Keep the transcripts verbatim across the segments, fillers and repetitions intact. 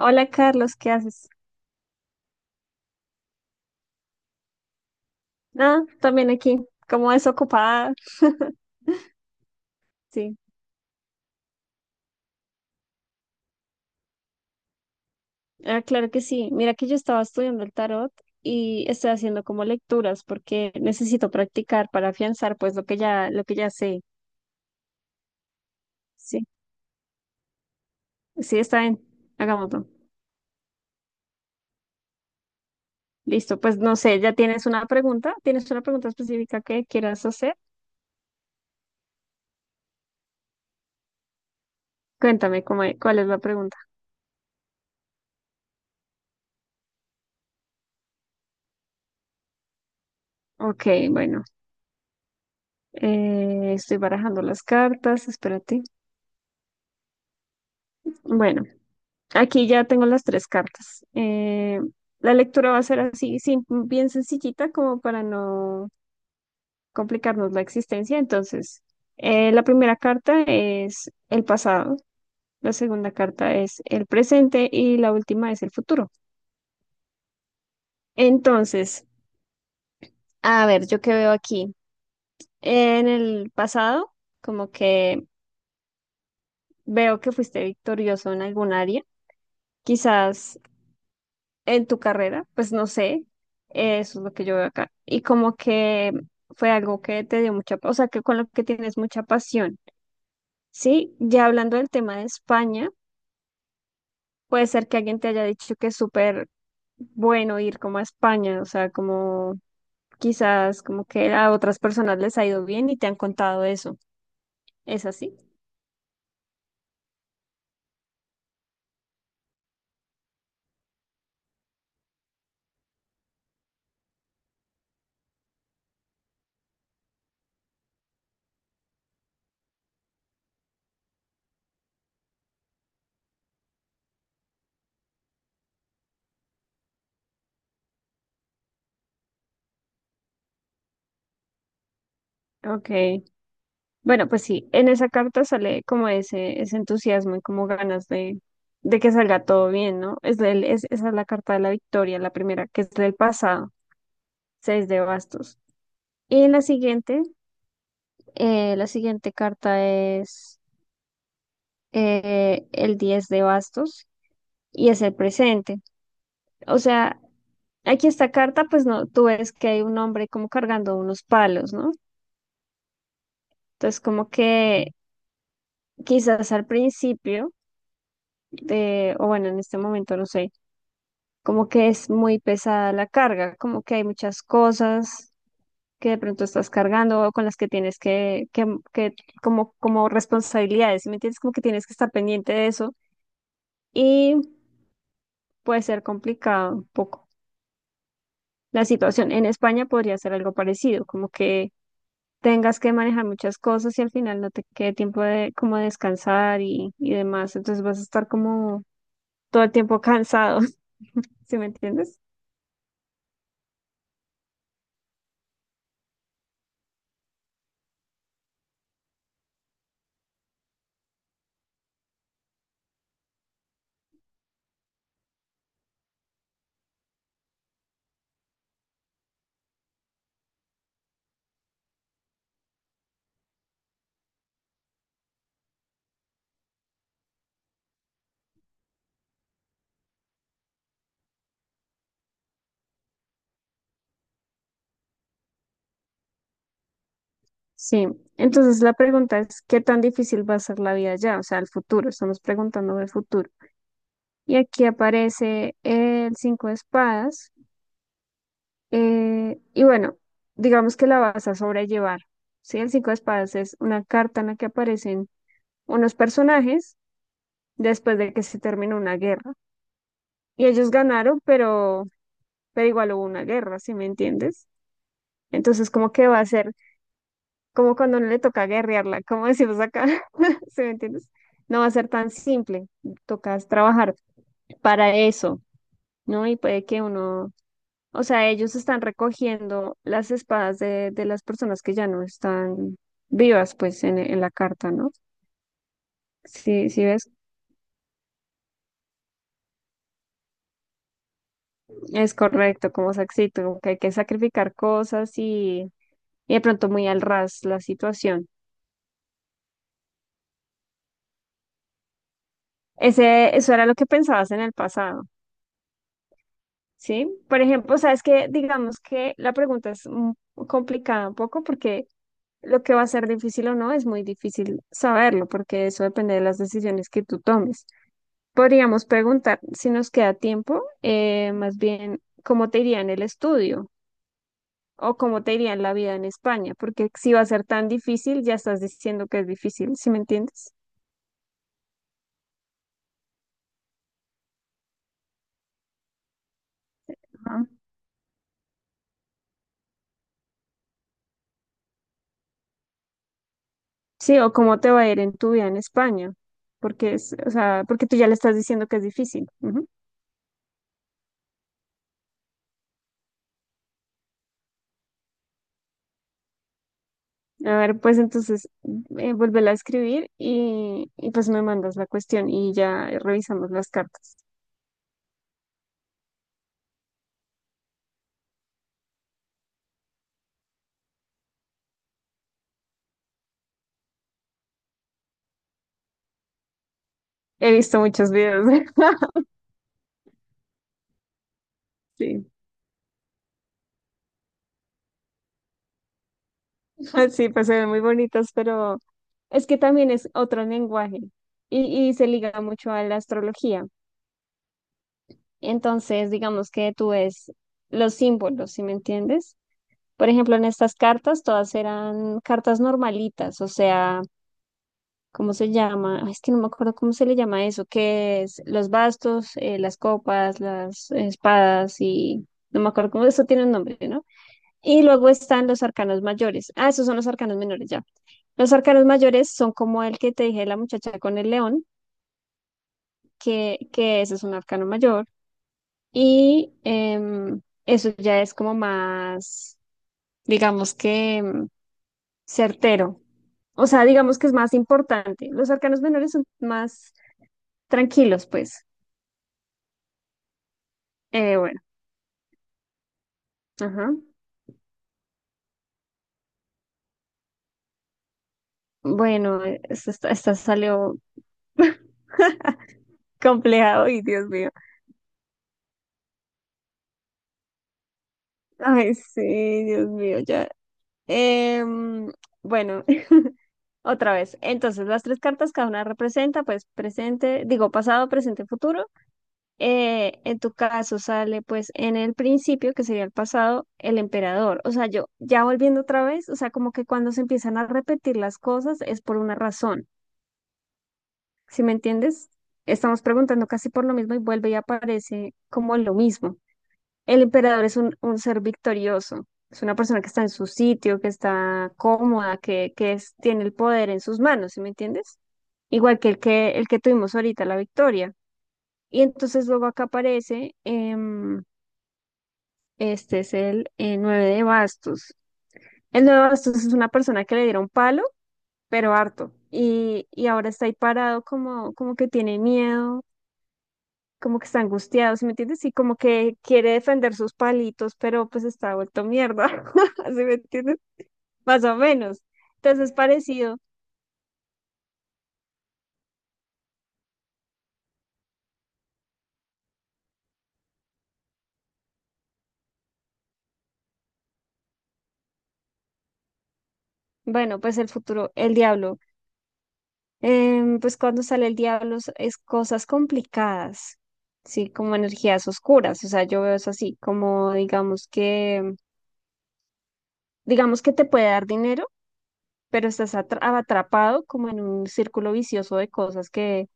Hola Carlos, ¿qué haces? Nada, también aquí, como desocupada. Sí, ah, claro que sí. Mira que yo estaba estudiando el tarot y estoy haciendo como lecturas porque necesito practicar para afianzar pues lo que ya, lo que ya sé. Sí, sí, está bien. Hagámoslo. Listo, pues no sé, ¿ya tienes una pregunta? ¿Tienes una pregunta específica que quieras hacer? Cuéntame cómo, e- cuál es la pregunta. Ok, bueno, eh, estoy barajando las cartas, espérate. Bueno. Aquí ya tengo las tres cartas. Eh, la lectura va a ser así, sim- bien sencillita, como para no complicarnos la existencia. Entonces, eh, la primera carta es el pasado, la segunda carta es el presente y la última es el futuro. Entonces, a ver, yo qué veo aquí. En el pasado, como que veo que fuiste victorioso en algún área. Quizás en tu carrera, pues no sé, eh, eso es lo que yo veo acá. Y como que fue algo que te dio mucha, o sea, que con lo que tienes mucha pasión, ¿sí? Ya hablando del tema de España, puede ser que alguien te haya dicho que es súper bueno ir como a España, o sea, como quizás como que a otras personas les ha ido bien y te han contado eso. ¿Es así? Ok. Bueno, pues sí, en esa carta sale como ese, ese entusiasmo y como ganas de, de que salga todo bien, ¿no? Es, del- es- esa es la carta de la victoria, la primera, que es del pasado, seis de bastos. Y la siguiente, eh, la siguiente carta es eh, el diez de bastos y es el presente. O sea, aquí esta carta, pues no, tú ves que hay un hombre como cargando unos palos, ¿no? Entonces, como que quizás al principio, de, o bueno, en este momento, no sé como que es muy pesada la carga, como que hay muchas cosas que de pronto estás cargando o con las que tienes que, que, que como, como responsabilidades, ¿sí? ¿Me entiendes? Como que tienes que estar pendiente de eso y puede ser complicado un poco. La situación en España podría ser algo parecido, como que tengas que manejar muchas cosas y al final no te quede tiempo de como descansar y, y demás, entonces vas a estar como todo el tiempo cansado, ¿sí me entiendes? Sí, entonces la pregunta es, ¿qué tan difícil va a ser la vida ya? O sea, el futuro, estamos preguntando del futuro. Y aquí aparece el cinco de espadas. Eh, y bueno, digamos que la vas a sobrellevar. Sí, el cinco de espadas es una carta en la que aparecen unos personajes después de que se terminó una guerra. Y ellos ganaron, pero, pero igual hubo una guerra, ¿sí me entiendes? Entonces, como que va a ser como cuando no le toca guerrearla, como decimos acá, ¿sí me entiendes? No va a ser tan simple, tocas trabajar para eso, ¿no? Y puede que uno, o sea, ellos están recogiendo las espadas de, de las personas que ya no están vivas, pues, en, en la carta, ¿no? Sí, sí ves, es correcto, como Saxito, como que hay que sacrificar cosas y, y de pronto muy al ras la situación. Ese, eso era lo que pensabas en el pasado. ¿Sí? Por ejemplo, sabes que digamos que la pregunta es un- complicada un poco porque lo que va a ser difícil o no es muy difícil saberlo porque eso depende de las decisiones que tú tomes. Podríamos preguntar si nos queda tiempo, eh, más bien cómo te iría en el estudio o cómo te iría en la vida en España, porque si va a ser tan difícil, ya estás diciendo que es difícil, ¿sí me entiendes? Ajá. Sí, o cómo te va a ir en tu vida en España, porque es, o sea, porque tú ya le estás diciendo que es difícil. Ujú. A ver, pues entonces eh, vuélvela a escribir y, y pues me mandas la cuestión y ya revisamos las cartas. He visto muchos videos. Sí, sí, pues se ven muy bonitas, pero es que también es otro lenguaje y, y se liga mucho a la astrología. Entonces, digamos que tú ves los símbolos, ¿si me entiendes? Por ejemplo, en estas cartas todas eran cartas normalitas, o sea, ¿cómo se llama? Ay, es que no me acuerdo cómo se le llama eso, que es los bastos, eh, las copas, las espadas y no me acuerdo cómo eso tiene un nombre, ¿no? Y luego están los arcanos mayores. Ah, esos son los arcanos menores ya. Los arcanos mayores son como el que te dije la muchacha con el león, que, que ese es un arcano mayor. Y em, eso ya es como más, digamos que em, certero. O sea, digamos que es más importante. Los arcanos menores son más tranquilos, pues. Eh, bueno, ajá. Bueno, eh, esto, está- esta salió compleja y Dios mío. Ay, sí, Dios mío, ya. Em, bueno, otra vez. Entonces, las tres cartas, cada una representa, pues, presente, digo, pasado, presente, futuro. Eh, en tu caso sale, pues, en el principio, que sería el pasado, el emperador. O sea, yo, ya volviendo otra vez, o sea, como que cuando se empiezan a repetir las cosas es por una razón. Si me entiendes, estamos preguntando casi por lo mismo y vuelve y aparece como lo mismo. El emperador es un, un ser victorioso, es una persona que está en su sitio, que está cómoda, que, que es- tiene el poder en sus manos, ¿sí me entiendes? Igual que el que, el que tuvimos ahorita, la victoria. Y entonces luego acá aparece, em, este es el eh, nueve de bastos. El nueve de bastos es una persona que le dieron palo, pero harto. Y, y ahora está ahí parado como, como que tiene miedo como que está angustiado, ¿sí me entiendes? Y como que quiere defender sus palitos, pero pues está vuelto mierda, ¿sí me entiendes? Más o menos. Entonces, parecido, bueno, pues el futuro, el diablo. Em, pues cuando sale el diablo es es cosas complicadas, sí, como energías oscuras, o sea, yo veo eso así, como digamos que, digamos que te puede dar dinero, pero estás atra- atrapado como en un círculo vicioso de cosas que,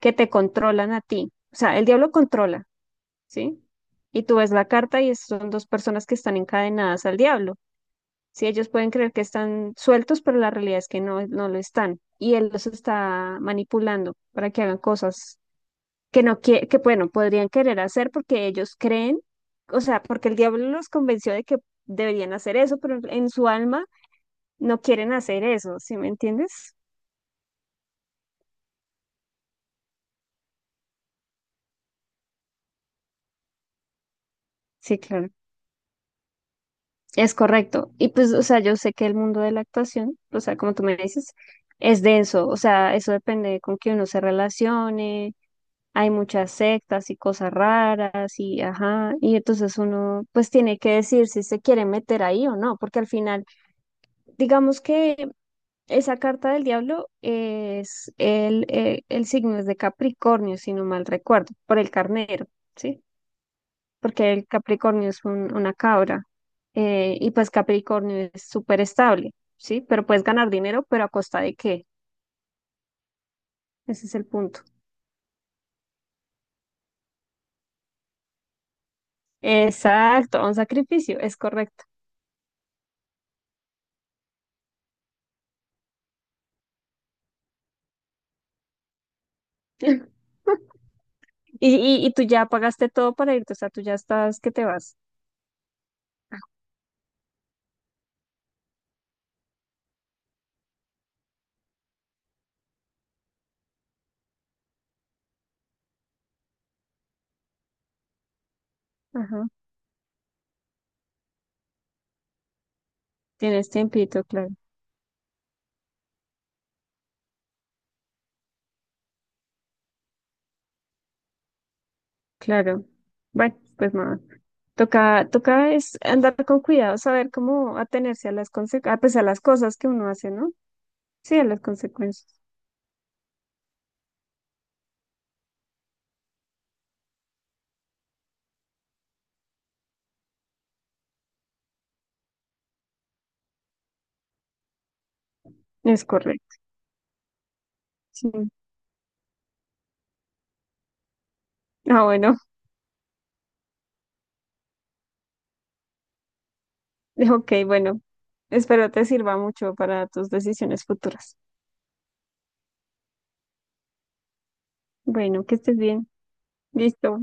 que te controlan a ti. O sea, el diablo controla. ¿Sí? Y tú ves la carta y son dos personas que están encadenadas al diablo. Sí, ellos pueden creer que están sueltos, pero la realidad es que no, no lo están. Y él los está manipulando para que hagan cosas que no quie- que bueno, podrían querer hacer porque ellos creen, o sea, porque el diablo los convenció de que deberían hacer eso, pero en su alma no quieren hacer eso, ¿sí me entiendes? Sí, claro. Es correcto. Y pues, o sea, yo sé que el mundo de la actuación, o sea, como tú me dices, es denso. O sea, eso depende con quién uno se relacione. Hay muchas sectas y cosas raras y ajá. Y entonces uno pues tiene que decir si se quiere meter ahí o no, porque al final, digamos que esa carta del diablo es el, eh, el signo es de Capricornio, si no mal recuerdo, por el carnero, ¿sí? Porque el Capricornio es un- una cabra eh, y pues Capricornio es súper estable, ¿sí? Pero puedes ganar dinero, pero ¿a costa de qué? Ese es el punto. Exacto, a un sacrificio, es correcto. Y, y, y tú ya pagaste todo para irte, o sea, tú ya estás que te vas. Ah, ajá, tienes tiempito, claro. Claro. Bueno, pues nada. Toca, toca es andar con cuidado, saber cómo atenerse a las conse- a, pues, a las cosas que uno hace, ¿no? Sí, a las consecuencias. Es correcto. Sí. Ah, bueno. Ok, bueno. Espero te sirva mucho para tus decisiones futuras. Bueno, que estés bien. Listo.